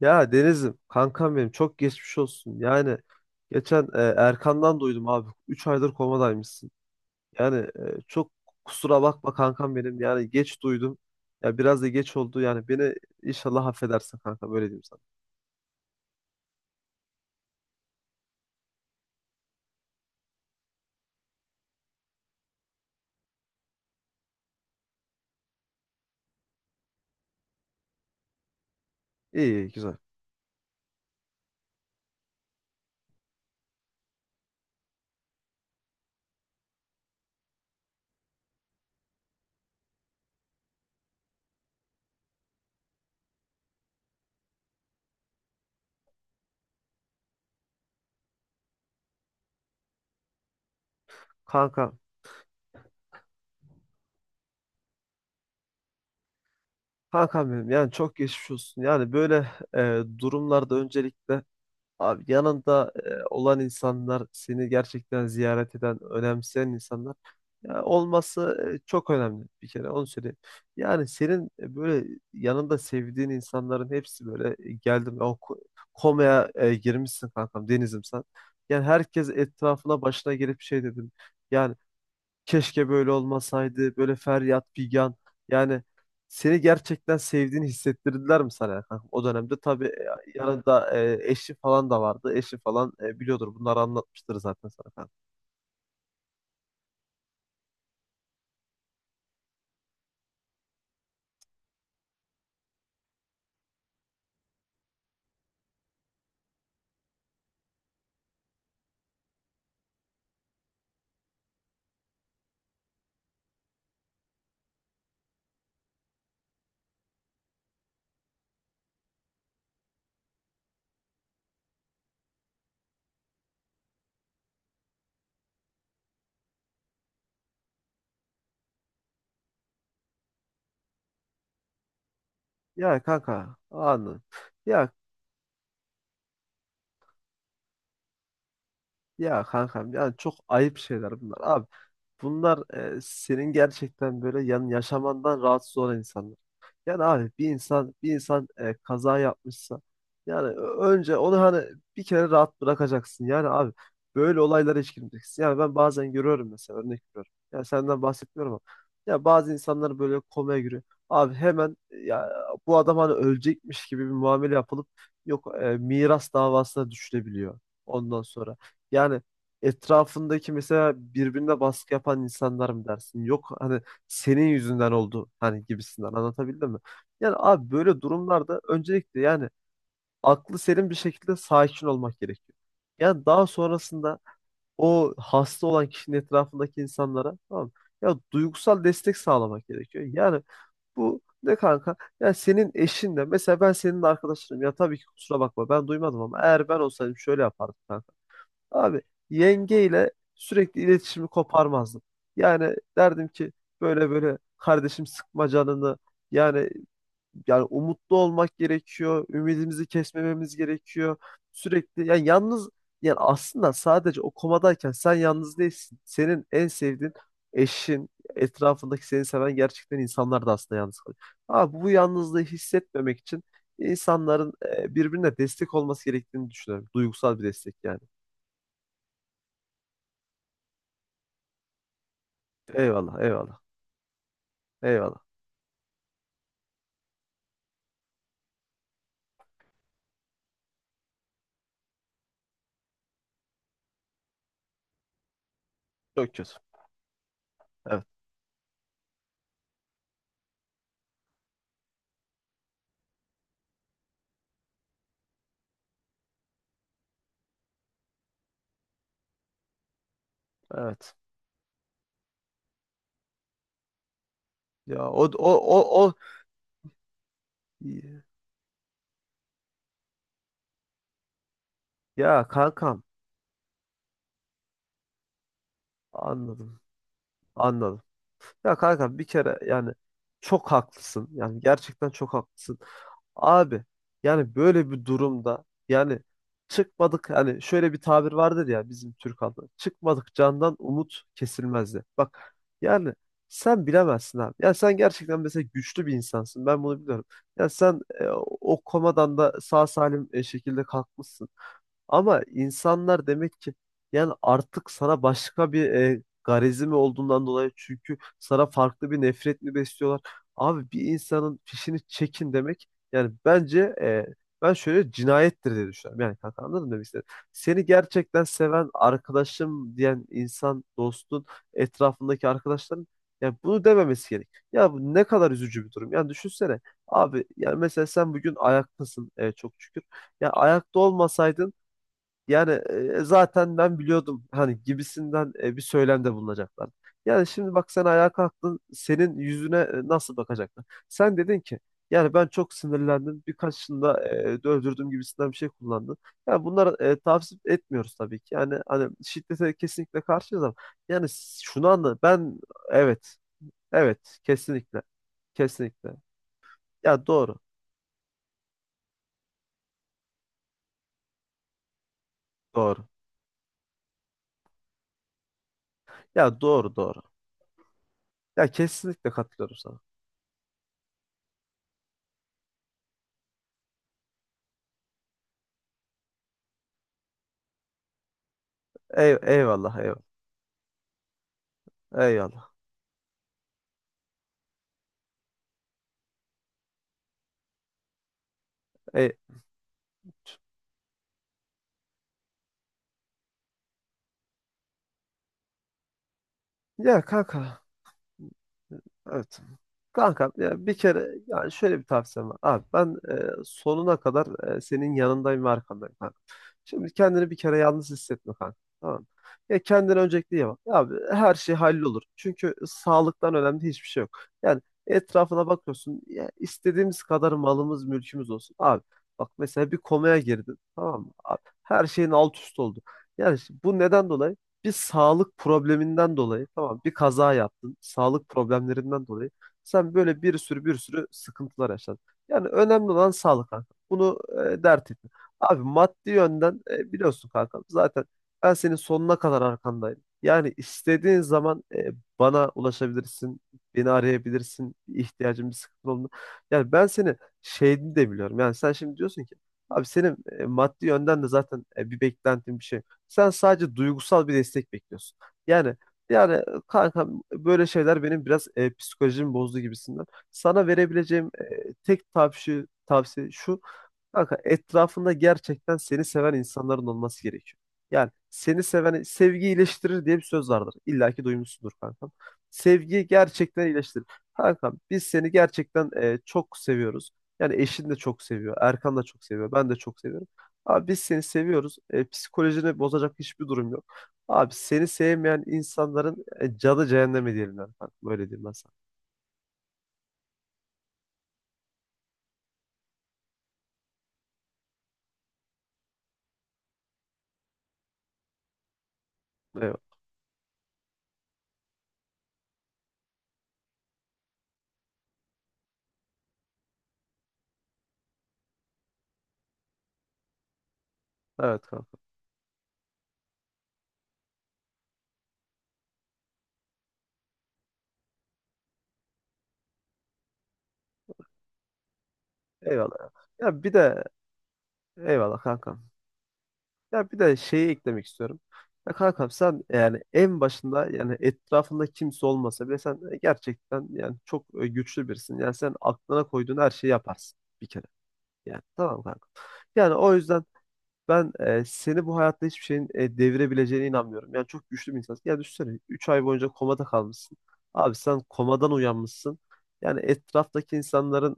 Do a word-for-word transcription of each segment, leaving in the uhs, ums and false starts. Ya Deniz'im kankam benim, çok geçmiş olsun. Yani geçen e, Erkan'dan duydum abi. Üç aydır komadaymışsın. Yani e, çok kusura bakma kankam benim. Yani geç duydum. Ya biraz da geç oldu. Yani beni inşallah affedersin kanka, böyle diyeyim sana. İyi iyi, güzel. Kanka kankam benim, yani çok geçmiş olsun. Yani böyle e, durumlarda öncelikle abi, yanında e, olan insanlar, seni gerçekten ziyaret eden, önemseyen insanlar ya olması e, çok önemli, bir kere onu söyleyeyim. Yani senin e, böyle yanında sevdiğin insanların hepsi böyle e, geldim, o ko- komaya e, girmişsin kankam Deniz'im sen. Yani herkes etrafına başına gelip şey dedim. Yani keşke böyle olmasaydı, böyle feryat figan. Yani seni gerçekten sevdiğini hissettirdiler mi sana ya kankam? O dönemde tabii e, yanında e, eşi falan da vardı. Eşi falan e, biliyordur, bunları anlatmıştır zaten sana kankam. Ya kanka, anladım. Ya Ya kankam, yani çok ayıp şeyler bunlar abi. Bunlar e, senin gerçekten böyle yan yaşamandan rahatsız olan insanlar. Yani abi, bir insan bir insan e, kaza yapmışsa, yani ö- önce onu hani bir kere rahat bırakacaksın. Yani abi, böyle olaylara hiç girmeyeceksin. Yani ben bazen görüyorum, mesela örnek veriyorum. Ya senden bahsetmiyorum ama ya bazı insanlar böyle komaya giriyor. Abi hemen e, ya bu adam hani ölecekmiş gibi bir muamele yapılıp yok e, miras davasına düşülebiliyor ondan sonra. Yani etrafındaki mesela birbirine baskı yapan insanlar mı dersin? Yok hani, senin yüzünden oldu hani gibisinden, anlatabildim mi? Yani abi, böyle durumlarda öncelikle yani aklı selim bir şekilde sakin olmak gerekiyor. Yani daha sonrasında o hasta olan kişinin etrafındaki insanlara, tamam mı, ya duygusal destek sağlamak gerekiyor. Yani bu ne kanka? Yani senin eşin de mesela, ben senin arkadaşınım ya, tabii ki kusura bakma ben duymadım, ama eğer ben olsaydım şöyle yapardım kanka. Abi yengeyle sürekli iletişimi koparmazdım. Yani derdim ki, böyle böyle kardeşim, sıkma canını. Yani yani umutlu olmak gerekiyor. Ümidimizi kesmememiz gerekiyor. Sürekli yani yalnız, yani aslında sadece o komadayken sen yalnız değilsin. Senin en sevdiğin eşin, etrafındaki seni seven gerçekten insanlar da aslında yalnız kalıyor. Abi bu yalnızlığı hissetmemek için insanların e, birbirine destek olması gerektiğini düşünüyorum. Duygusal bir destek yani. Eyvallah, eyvallah. Eyvallah. Çok kötü. Evet, evet. Ya o o o o ya kankam, anladım. Anladım. Ya kanka, bir kere yani çok haklısın. Yani gerçekten çok haklısın. Abi yani böyle bir durumda yani, çıkmadık, hani şöyle bir tabir vardır ya bizim Türk halkında: çıkmadık candan umut kesilmezdi. Bak yani, sen bilemezsin abi. Ya sen gerçekten mesela güçlü bir insansın. Ben bunu biliyorum. Ya sen e, o komadan da sağ salim e, şekilde kalkmışsın. Ama insanlar demek ki yani artık sana başka bir e, garezi mi olduğundan dolayı, çünkü sana farklı bir nefret mi besliyorlar? Abi bir insanın fişini çekin demek, yani bence e, ben şöyle cinayettir diye düşünüyorum. Yani kanka, anladın mı demek istedim? Seni gerçekten seven arkadaşım diyen insan, dostun, etrafındaki arkadaşların yani bunu dememesi gerek. Ya bu ne kadar üzücü bir durum. Yani düşünsene, abi yani mesela sen bugün ayaktasın, e, çok şükür. Ya ayakta olmasaydın yani e, zaten ben biliyordum hani gibisinden e, bir söylemde bulunacaklar. Yani şimdi bak, sen ayağa kalktın, senin yüzüne e, nasıl bakacaklar? Sen dedin ki yani ben çok sinirlendim, birkaçını da e, öldürdüm gibisinden bir şey kullandın. Yani bunları e, tavsiye etmiyoruz tabii ki. Yani hani şiddete kesinlikle karşıyız ama yani şunu anla ben, evet evet, kesinlikle, kesinlikle, ya doğru doğru, ya doğru doğru, ya kesinlikle katılıyorum sana. Ey, eyvallah, eyvallah, eyvallah. E, ya kanka, evet. Kanka, ya bir kere yani şöyle bir tavsiyem var. Abi ben e, sonuna kadar e, senin yanındayım ve arkandayım kanka. Şimdi kendini bir kere yalnız hissetme kanka. Tamam. mı? Ya kendine öncelikle iyi bak. Ya abi, her şey hallolur. Çünkü sağlıktan önemli hiçbir şey yok. Yani etrafına bakıyorsun. Ya istediğimiz kadar malımız, mülkümüz olsun, abi, bak mesela bir komaya girdin, tamam mı? Abi, her şeyin alt üst oldu. Yani işte bu neden dolayı? Bir sağlık probleminden dolayı, tamam, bir kaza yaptın. Sağlık problemlerinden dolayı sen böyle bir sürü bir sürü sıkıntılar yaşadın. Yani önemli olan sağlık kanka. Bunu e, dert etme. Abi maddi yönden e, biliyorsun kanka, zaten ben senin sonuna kadar arkandayım. Yani istediğin zaman e, bana ulaşabilirsin, beni arayabilirsin, bir ihtiyacın, bir sıkıntı olduğunda. Yani ben seni, şeyini de biliyorum. Yani sen şimdi diyorsun ki abi, senin e, maddi yönden de zaten e, bir beklentin bir şey, sen sadece duygusal bir destek bekliyorsun. Yani yani kanka, böyle şeyler benim biraz e, psikolojimi bozdu gibisinden. Sana verebileceğim e, tek tavsiye tavsiye şu: kanka, etrafında gerçekten seni seven insanların olması gerekiyor. Yani seni seven, sevgi iyileştirir diye bir söz vardır. İlla ki duymuşsundur kankam. Sevgi gerçekten iyileştirir. Kankam, biz seni gerçekten e, çok seviyoruz. Yani eşin de çok seviyor, Erkan da çok seviyor, ben de çok seviyorum. Abi biz seni seviyoruz. E, psikolojini bozacak hiçbir durum yok. Abi seni sevmeyen insanların e, canı cehenneme diyelim yani kankam. Böyle diyeyim ben sana. Eyvallah. Evet kankam. Eyvallah. Ya bir de eyvallah kankam. Ya bir de şeyi eklemek istiyorum. Ya kankam, sen yani en başında, yani etrafında kimse olmasa bile sen e, gerçekten yani çok e, güçlü birisin. Yani sen aklına koyduğun her şeyi yaparsın bir kere. Yani tamam kanka. Yani o yüzden ben e, seni bu hayatta hiçbir şeyin e, devirebileceğine inanmıyorum. Yani çok güçlü bir insansın. Yani düşünsene, üç ay boyunca komada kalmışsın. Abi sen komadan uyanmışsın. Yani etraftaki insanların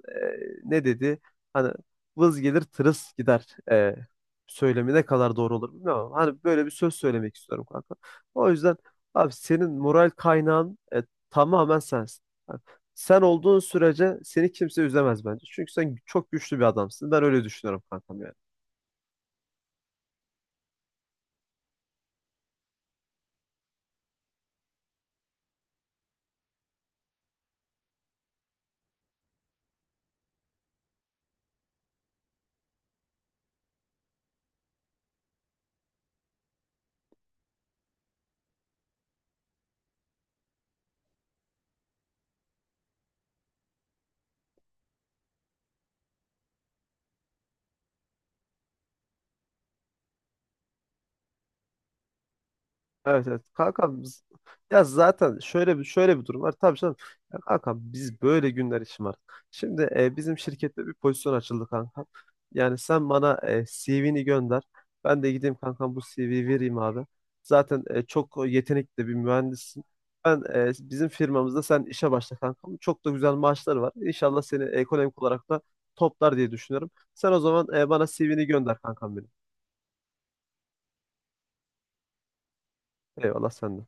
e, ne dedi? Hani vız gelir tırıs gider e, söylemi ne kadar doğru olur bilmiyorum, ama Hani böyle bir söz söylemek istiyorum kanka. O yüzden abi, senin moral kaynağın e, tamamen sensin. Yani sen olduğun sürece seni kimse üzemez bence. Çünkü sen çok güçlü bir adamsın. Ben öyle düşünüyorum kankam yani. Evet evet. Kankam biz- ya zaten şöyle bir şöyle bir durum var. Tabii canım. Ya kankam, biz böyle günler için var. Şimdi e, bizim şirkette bir pozisyon açıldı kankam. Yani sen bana e, C V'ni gönder. Ben de gideyim kankam, bu C V'yi vereyim abi. Zaten e, çok yetenekli bir mühendissin. Ben e, bizim firmamızda sen işe başla kankam. Çok da güzel maaşları var. İnşallah seni ekonomik olarak da toplar diye düşünüyorum. Sen o zaman e, bana C V'ni gönder kankam benim. Eyvallah senden.